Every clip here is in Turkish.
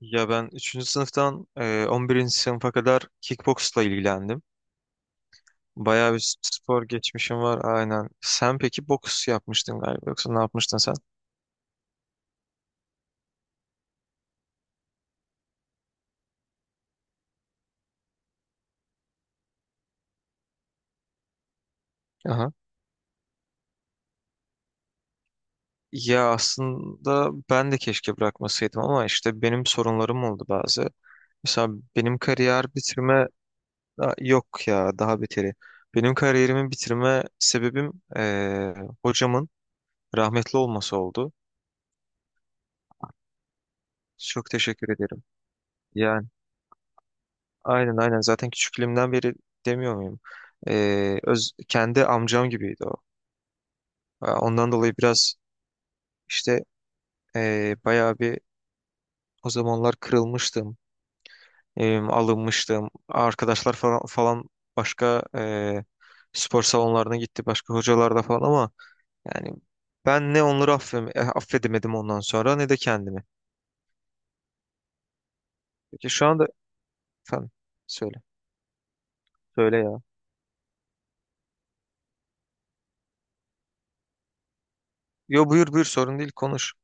Ya ben üçüncü sınıftan 11. sınıfa kadar kickboxla ilgilendim. Bayağı bir spor geçmişim var aynen. Sen peki boks yapmıştın galiba yoksa ne yapmıştın sen? Aha. Ya aslında ben de keşke bırakmasaydım ama işte benim sorunlarım oldu bazı. Mesela benim kariyer bitirme. Aa, yok ya daha beteri. Benim kariyerimi bitirme sebebim hocamın rahmetli olması oldu. Çok teşekkür ederim. Yani, aynen aynen, zaten küçüklüğümden beri demiyor muyum? Kendi amcam gibiydi o. Ya, ondan dolayı biraz işte bayağı bir o zamanlar kırılmıştım, alınmıştım. Arkadaşlar falan başka spor salonlarına gitti, başka hocalarla falan ama yani ben ne onları affedemedim ondan sonra ne de kendimi. Peki şu anda. Efendim, söyle. Söyle ya. Yo, buyur buyur, sorun değil, konuş.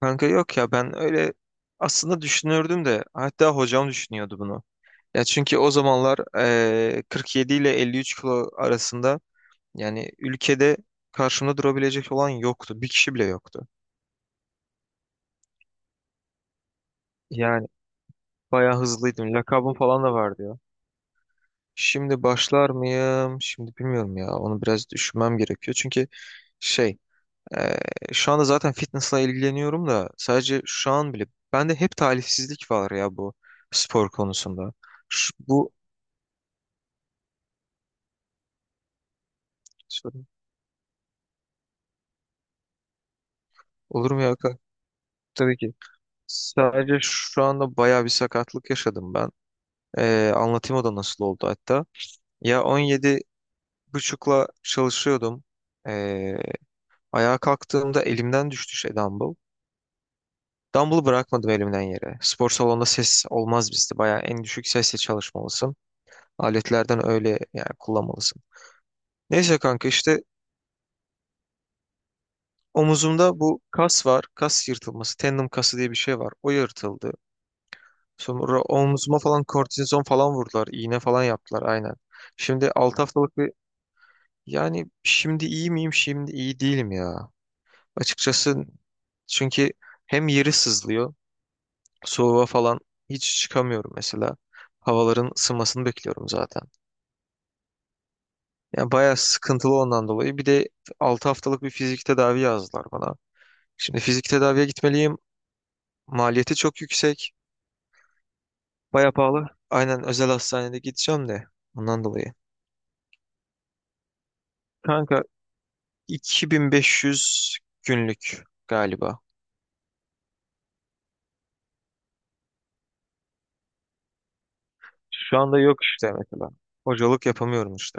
Kanka yok ya, ben öyle aslında düşünürdüm de, hatta hocam düşünüyordu bunu. Ya çünkü o zamanlar 47 ile 53 kilo arasında, yani ülkede karşımda durabilecek olan yoktu. Bir kişi bile yoktu. Yani bayağı hızlıydım. Lakabım falan da vardı ya. Şimdi başlar mıyım? Şimdi bilmiyorum ya. Onu biraz düşünmem gerekiyor. Çünkü şey eee, şu anda zaten fitnessla ilgileniyorum da, sadece şu an bile bende hep talihsizlik var ya, bu spor konusunda. Bu, sorayım. Olur mu ya kanka? Tabii ki. Sadece şu anda bayağı bir sakatlık yaşadım ben. Anlatayım o da nasıl oldu hatta. Ya 17 buçukla çalışıyordum. Ee, Ayağa kalktığımda elimden düştü dumbbell. Dumbbell'ı bırakmadım elimden yere. Spor salonunda ses olmaz bizde. Bayağı en düşük sesle çalışmalısın. Aletlerden öyle yani kullanmalısın. Neyse kanka, işte omuzumda bu kas var. Kas yırtılması. Tendon kası diye bir şey var. O yırtıldı. Sonra omzuma falan kortizon falan vurdular. İğne falan yaptılar aynen. Şimdi 6 haftalık bir. Yani şimdi iyi miyim? Şimdi iyi değilim ya. Açıkçası çünkü hem yeri sızlıyor. Soğuğa falan hiç çıkamıyorum mesela. Havaların ısınmasını bekliyorum zaten. Yani bayağı sıkıntılı ondan dolayı. Bir de 6 haftalık bir fizik tedavi yazdılar bana. Şimdi fizik tedaviye gitmeliyim. Maliyeti çok yüksek. Bayağı pahalı. Aynen, özel hastanede gideceğim de ondan dolayı. Kanka 2.500 günlük galiba. Şu anda yok işte mesela. Hocalık yapamıyorum işte.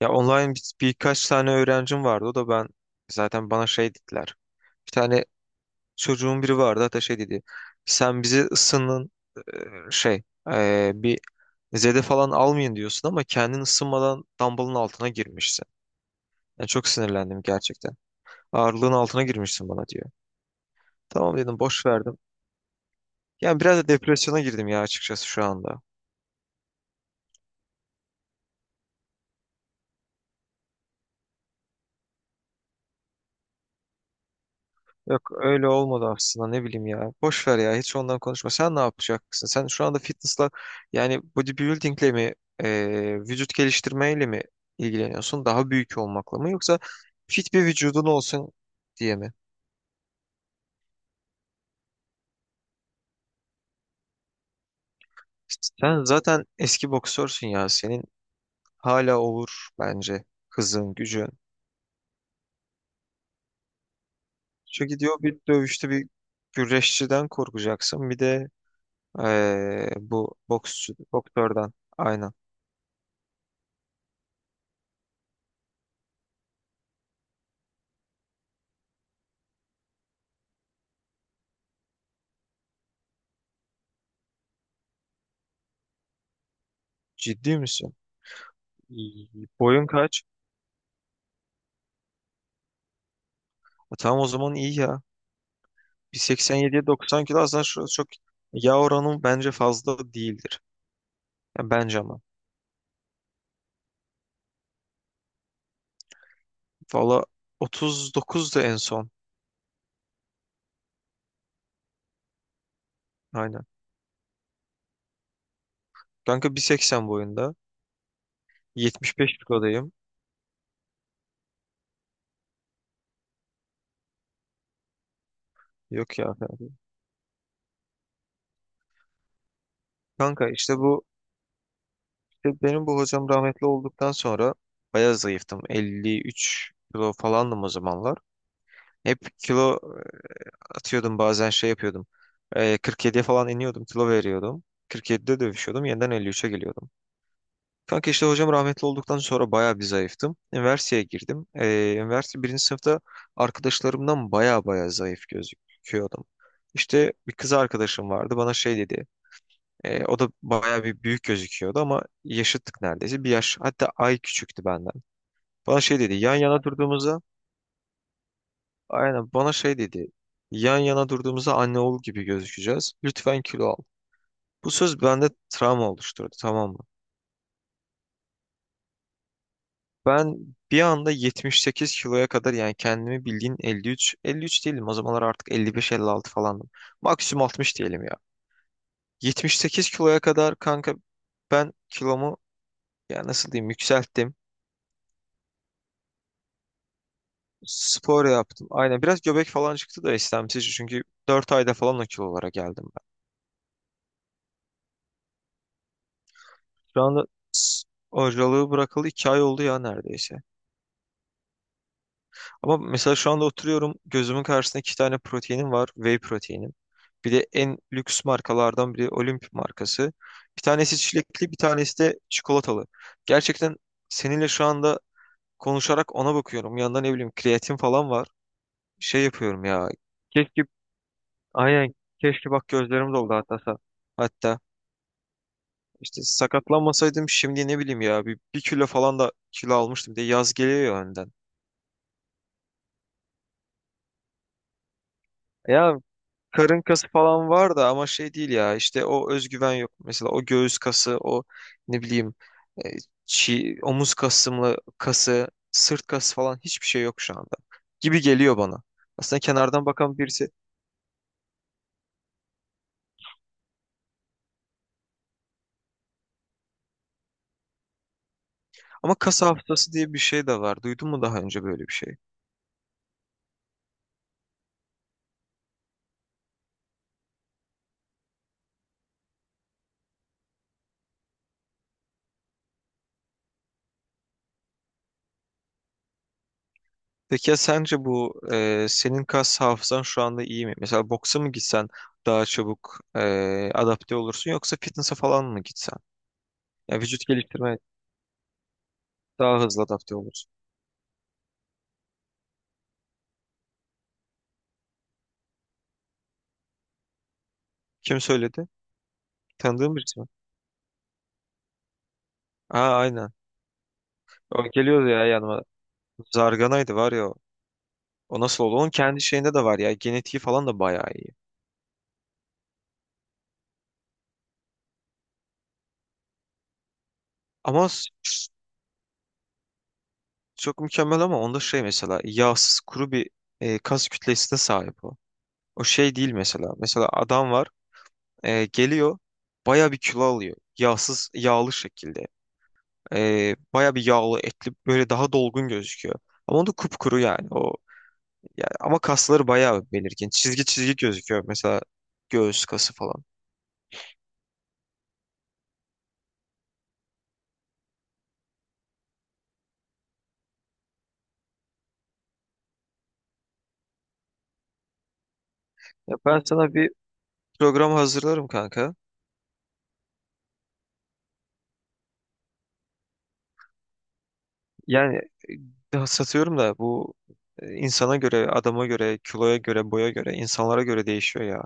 Ya online birkaç tane öğrencim vardı. O da ben zaten bana şey dediler. Bir tane çocuğun biri vardı, hatta şey dedi. Sen bizi ısının bir zede falan almayın diyorsun ama kendin ısınmadan dumbbell'ın altına girmişsin. Yani çok sinirlendim gerçekten. Ağırlığın altına girmişsin bana diyor. Tamam dedim, boş verdim. Yani biraz da depresyona girdim ya, açıkçası, şu anda. Yok öyle olmadı aslında, ne bileyim ya. Boş ver ya, hiç ondan konuşma. Sen ne yapacaksın? Sen şu anda fitnessla, yani bodybuildingle mi, vücut geliştirmeyle mi ilgileniyorsun? Daha büyük olmakla mı, yoksa fit bir vücudun olsun diye mi? Sen zaten eski boksörsün ya. Senin hala olur bence hızın, gücün. Çünkü diyor, bir dövüşte bir güreşçiden korkacaksın. Bir de bu boktörden. Aynen. Ciddi misin? İyi. Boyun kaç? Tamam o zaman iyi ya. Bir 87'ye 90 kilo aslında, şu çok yağ oranı bence fazla değildir. Yani bence ama. Valla 39'du en son. Aynen. Kanka 1.80 boyunda. 75 kilodayım. Yok ya, falan. Kanka işte bu, işte benim bu hocam rahmetli olduktan sonra bayağı zayıftım. 53 kilo falandım o zamanlar. Hep kilo atıyordum, bazen şey yapıyordum. 47'ye falan iniyordum, kilo veriyordum. 47'de dövüşüyordum. Yeniden 53'e geliyordum. Kanka işte hocam rahmetli olduktan sonra bayağı bir zayıftım. Üniversiteye girdim. Üniversite birinci sınıfta arkadaşlarımdan bayağı bayağı zayıf gözüküyordum. İşte bir kız arkadaşım vardı, bana şey dedi. O da bayağı bir büyük gözüküyordu ama yaşıttık neredeyse. Bir yaş, hatta ay küçüktü benden. Bana şey dedi yan yana durduğumuzda, aynen bana şey dedi. Yan yana durduğumuzda anne oğul gibi gözükeceğiz. Lütfen kilo al. Bu söz bende travma oluşturdu, tamam mı? Ben bir anda 78 kiloya kadar, yani kendimi bildiğin 53, 53 değilim. O zamanlar artık 55-56 falandım. Maksimum 60 diyelim ya. 78 kiloya kadar kanka, ben kilomu, ya nasıl diyeyim, yükselttim. Spor yaptım. Aynen, biraz göbek falan çıktı da istemsizce, çünkü 4 ayda falan o kilolara geldim ben. Şu anda s- hocalığı bırakalı 2 ay oldu ya neredeyse. Ama mesela şu anda oturuyorum. Gözümün karşısında iki tane proteinim var. Whey proteinim. Bir de en lüks markalardan biri, Olimp markası. Bir tanesi çilekli, bir tanesi de çikolatalı. Gerçekten seninle şu anda konuşarak ona bakıyorum. Yanında ne bileyim, kreatin falan var. Şey yapıyorum ya. Keşke, aynen, keşke, bak gözlerim doldu hatta. Hatta işte sakatlanmasaydım, şimdi ne bileyim ya, bir, bir kilo falan da kilo almıştım. Bir de yaz geliyor ya önden. Ya karın kası falan var da, ama şey değil ya işte, o özgüven yok. Mesela o göğüs kası, o ne bileyim, e, omuz kasımlı kası, sırt kası falan, hiçbir şey yok şu anda. Gibi geliyor bana. Aslında kenardan bakan birisi. Ama kas hafızası diye bir şey de var. Duydun mu daha önce böyle bir şey? Peki ya sence bu, senin kas hafızan şu anda iyi mi? Mesela boksa mı gitsen daha çabuk adapte olursun, yoksa fitness'a falan mı gitsen? Ya vücut geliştirme. Daha hızlı adapte olursun. Kim söyledi? Tanıdığın birisi mi? Aa, aynen. O geliyordu ya yanıma. Zarganaydı var ya o. O nasıl oldu? Onun kendi şeyinde de var ya. Genetiği falan da bayağı iyi. Ama çok mükemmel, ama onda şey, mesela yağsız kuru bir kas kütlesine sahip o. O şey değil mesela. Mesela adam var, geliyor, bayağı bir kilo alıyor. Yağsız yağlı şekilde. Bayağı bir yağlı, etli, böyle daha dolgun gözüküyor. Ama onda kupkuru yani. O. Ya ama kasları bayağı belirgin. Çizgi çizgi gözüküyor mesela, göğüs kası falan. Ya ben sana bir program hazırlarım kanka. Yani satıyorum da, bu insana göre, adama göre, kiloya göre, boya göre, insanlara göre değişiyor ya.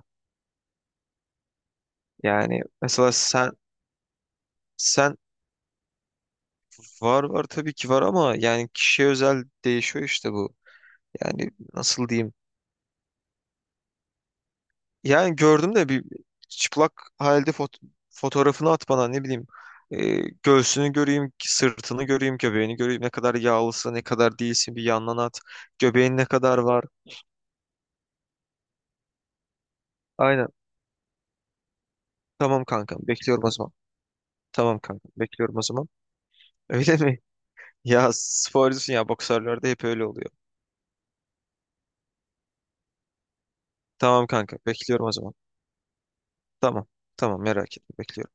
Yani mesela sen var var, tabii ki var, ama yani kişiye özel değişiyor işte bu. Yani nasıl diyeyim? Yani gördüm de, bir çıplak halde fotoğrafını at bana, ne bileyim. Ee, Göğsünü göreyim, sırtını göreyim, göbeğini göreyim. Ne kadar yağlısın, ne kadar değilsin, bir yandan at. Göbeğin ne kadar var. Aynen. Tamam kankam, bekliyorum o zaman. Tamam kankam, bekliyorum o zaman. Öyle mi? Ya sporcusun ya, boksörlerde hep öyle oluyor. Tamam kanka, bekliyorum o zaman. Tamam. Tamam merak etme, bekliyorum.